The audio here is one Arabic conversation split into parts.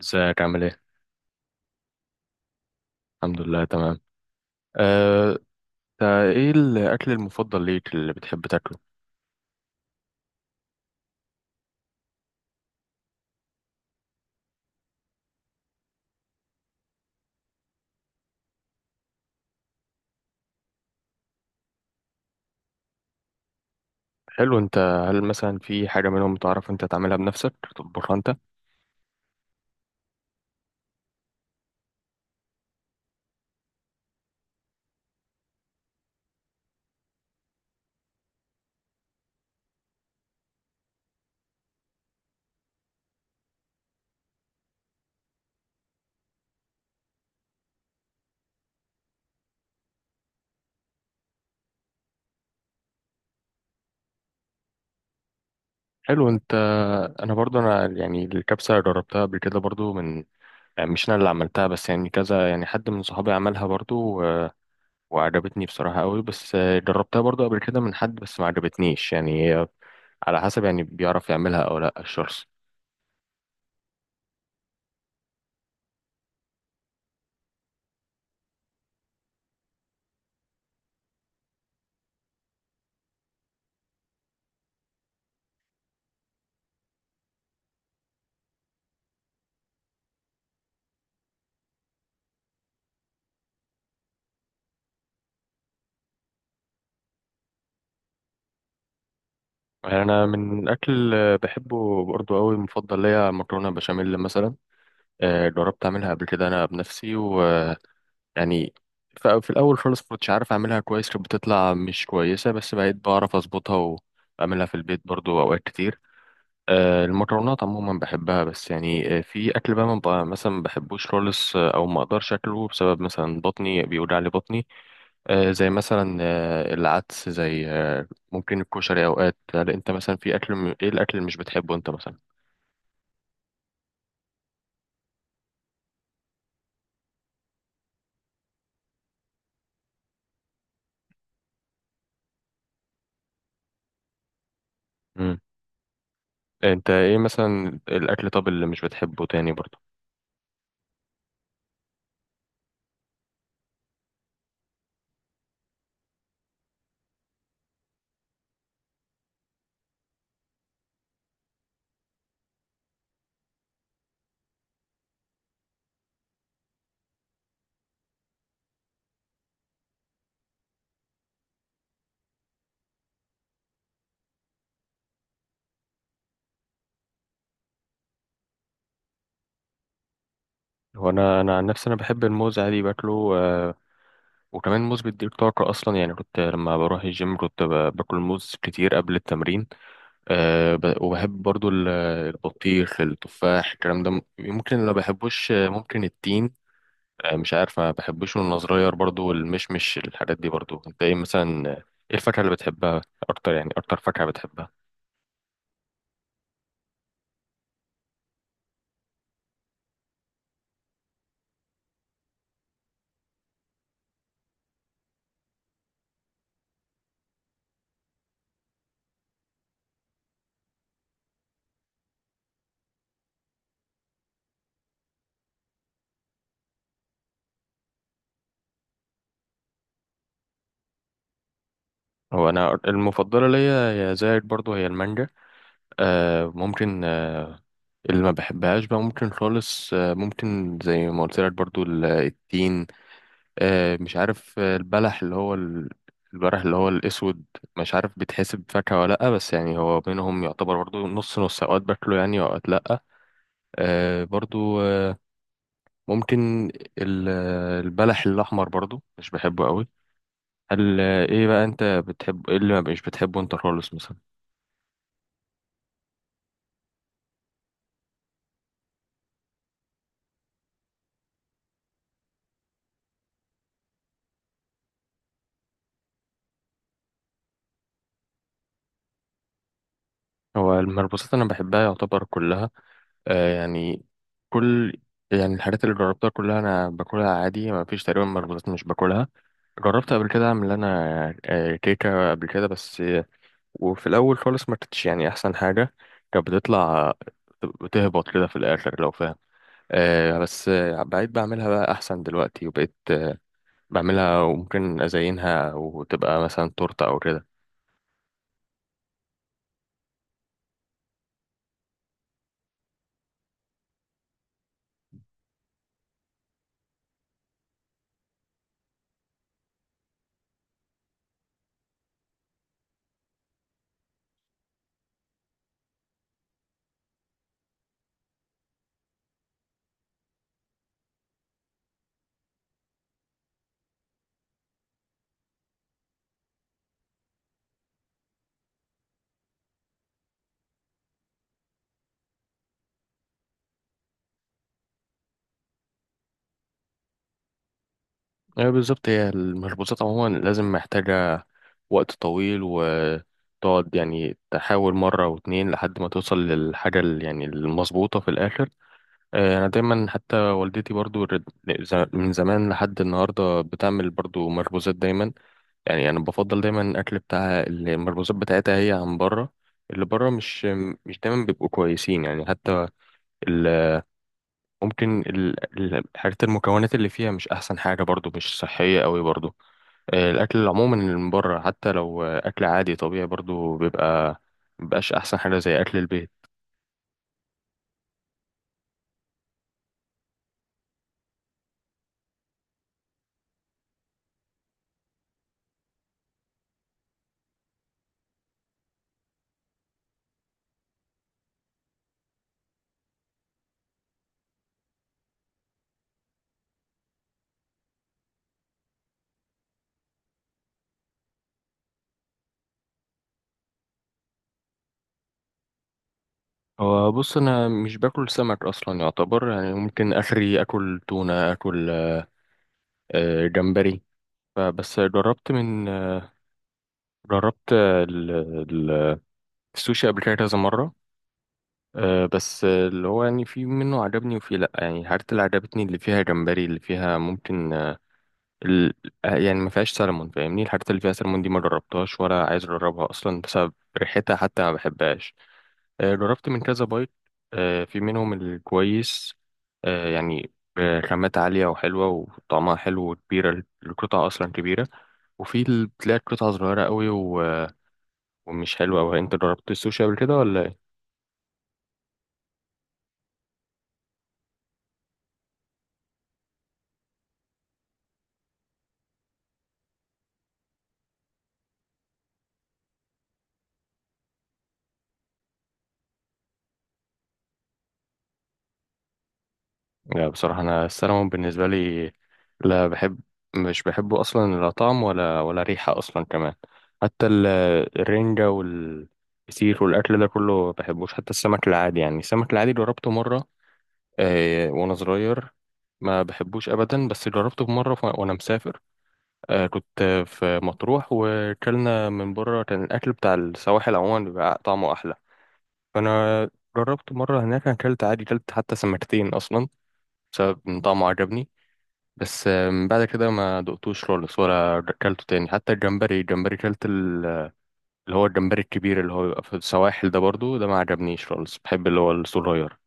ازيك عامل ايه؟ الحمد لله تمام. أه، تا ايه الأكل المفضل ليك اللي بتحب تاكله؟ حلو انت. هل مثلا في حاجة منهم تعرف انت تعملها بنفسك تطبخها انت؟ حلو انت. انا برضو يعني الكبسة جربتها قبل كده برضو من يعني مش انا اللي عملتها، بس يعني كذا، يعني حد من صحابي عملها برضو وعجبتني بصراحة قوي، بس جربتها برضو قبل كده من حد بس ما عجبتنيش يعني على حسب يعني بيعرف يعملها او لا الشخص. انا من اكل بحبه برضه قوي مفضل ليا مكرونه بشاميل مثلا. جربت اعملها قبل كده انا بنفسي ويعني في الاول خالص كنتش عارف اعملها كويس، كانت بتطلع مش كويسه، بس بقيت بعرف اظبطها واعملها في البيت برضه اوقات كتير. المكرونات عموما بحبها، بس يعني في اكل بقى ما بقى- مثلا ما بحبوش خالص، او ما اقدرش اكله بسبب مثلا بطني بيوجع لي. زي مثلا العدس، زي ممكن الكشري اوقات. هل انت مثلا في اكل ايه الاكل اللي مش بتحبه انت مثلا؟ مم. انت ايه مثلا الاكل، طب، اللي مش بتحبه تاني برضه؟ هو انا عن نفسي انا بحب الموز، عادي باكله. وكمان الموز بيديك طاقه اصلا، يعني كنت لما بروح الجيم كنت باكل موز كتير قبل التمرين. وبحب برضه البطيخ، التفاح، الكلام ده. ممكن اللي ما بحبوش ممكن التين. مش عارف، ما بحبوش وانا صغير برضو، والمشمش، الحاجات دي برضو. انت ايه مثلا؟ ايه الفاكهة اللي بتحبها اكتر؟ يعني اكتر فاكهة بتحبها؟ هو انا المفضلة ليا يا زايد برضو هي المانجا. آه ممكن آه. اللي ما بحبهاش بقى ممكن خالص آه، ممكن زي ما قلت لك برضو التين. آه مش عارف، البلح اللي هو البلح اللي هو الاسود. مش عارف بيتحسب فاكهة ولا لأ، بس يعني هو بينهم يعتبر برضو نص نص، اوقات باكله يعني، اوقات لأ. آه برضو آه، ممكن ال- البلح الأحمر برضو مش بحبه قوي. هل ايه بقى انت بتحب؟ ايه اللي ما مش بتحبه انت خالص مثلا؟ هو المربوسات انا بحبها يعتبر كلها. آه يعني كل، يعني الحاجات اللي جربتها كلها انا باكلها عادي، ما فيش تقريبا مربوطات مش باكلها. جربت قبل كده اعمل انا كيكه قبل كده، بس آه، وفي الاول خالص ما كانتش يعني احسن حاجه، كانت بتطلع بتهبط كده في الاخر لو فاهم. آه بس آه، بقيت بعملها بقى احسن دلوقتي، وبقيت بعملها وممكن أزينها وتبقى مثلا تورتة أو كده. أيوة بالظبط، هي المخبوزات عموما لازم محتاجة وقت طويل، وتقعد يعني تحاول مرة واتنين لحد ما توصل للحاجة يعني المظبوطة في الآخر. أنا دايما حتى والدتي برضو من زمان لحد النهاردة بتعمل برضو مخبوزات دايما. يعني أنا بفضل دايما الأكل بتاعها، المخبوزات بتاعتها، هي عن بره. اللي بره مش دايما بيبقوا كويسين، يعني حتى ممكن الحاجات المكونات اللي فيها مش احسن حاجه برضو، مش صحيه قوي برضو. الاكل عموما اللي من بره حتى لو اكل عادي طبيعي برضو بيبقى مبقاش احسن حاجه زي اكل البيت. هو بص انا مش باكل سمك اصلا يعتبر، يعني ممكن اخري اكل تونه، اكل جمبري. فبس جربت من آه، جربت آه، ال- ال- السوشي قبل كده كذا مره. آه، بس آه، اللي هو يعني في منه عجبني وفي لا، يعني الحاجات اللي عجبتني اللي فيها جمبري، اللي فيها ممكن ال... يعني ما فيهاش سلمون، فاهمني. الحاجات اللي فيها سلمون دي ما جربتهاش ولا عايز اجربها اصلا بسبب ريحتها حتى ما بحبهاش. جربت من كذا بايت، في منهم الكويس، يعني بخامات عالية وحلوة وطعمها حلو وكبيرة، القطعة أصلا كبيرة، وفي اللي بتلاقي القطعة صغيرة قوي ومش حلوة أوي. أنت جربت السوشي قبل كده ولا؟ لا بصراحة أنا السلمون بالنسبة لي لا مش بحبه أصلا، لا طعم ولا ريحة أصلا كمان. حتى الرنجة والفسيخ والأكل ده كله ما بحبوش، حتى السمك العادي. يعني السمك العادي جربته مرة وأنا صغير، ما بحبوش أبدا، بس جربته مرة وأنا مسافر. كنت في مطروح وكلنا من بره، كان الأكل بتاع السواحل عموما بيبقى طعمه أحلى، فأنا جربت مرة هناك، أنا أكلت عادي، أكلت حتى سمكتين أصلا بسبب إن طعمه عجبني. بس من بعد كده ما دقتوش خالص ولا اكلته تاني. حتى الجمبري، الجمبري كلت اللي هو الجمبري الكبير اللي هو بيبقى في السواحل ده برضو، ده ما عجبنيش خالص، بحب اللي هو الصغير.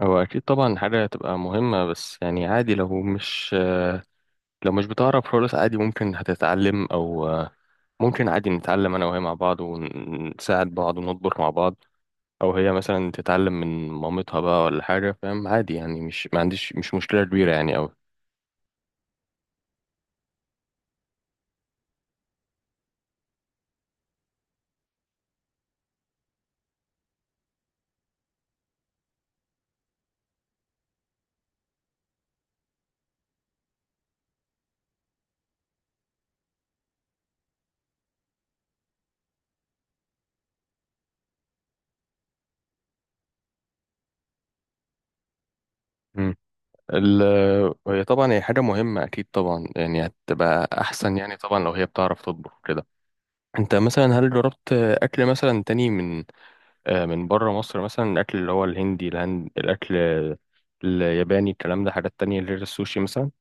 هو اكيد طبعا حاجه هتبقى مهمه، بس يعني عادي لو مش بتعرف خالص عادي، ممكن هتتعلم، او ممكن عادي نتعلم انا وهي مع بعض ونساعد بعض ونطبخ مع بعض، او هي مثلا تتعلم من مامتها بقى ولا حاجه، فاهم، عادي يعني، مش ما عنديش، مش مشكله كبيره يعني. أوي ال- هي طبعا هي حاجة مهمة أكيد طبعا، يعني هتبقى أحسن يعني طبعا لو هي بتعرف تطبخ كده. أنت مثلا هل جربت أكل مثلا تاني من من بره مصر مثلا؟ الأكل اللي هو الهندي، الهند، الأكل الياباني، الكلام ده، حاجات تانية غير السوشي مثلا.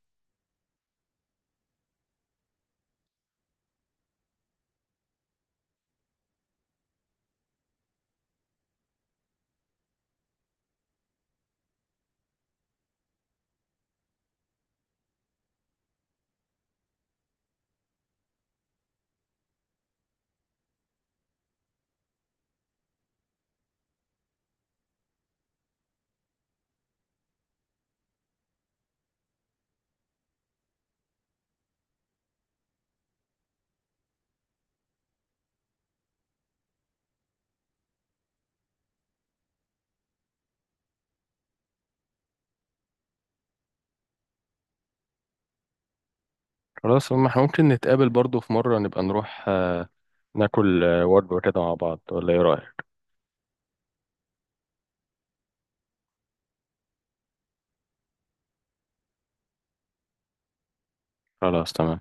خلاص ما احنا ممكن نتقابل برضو في مرة، نبقى نروح ناكل وجبة كده مع بعض، ولا إيه رأيك؟ خلاص تمام.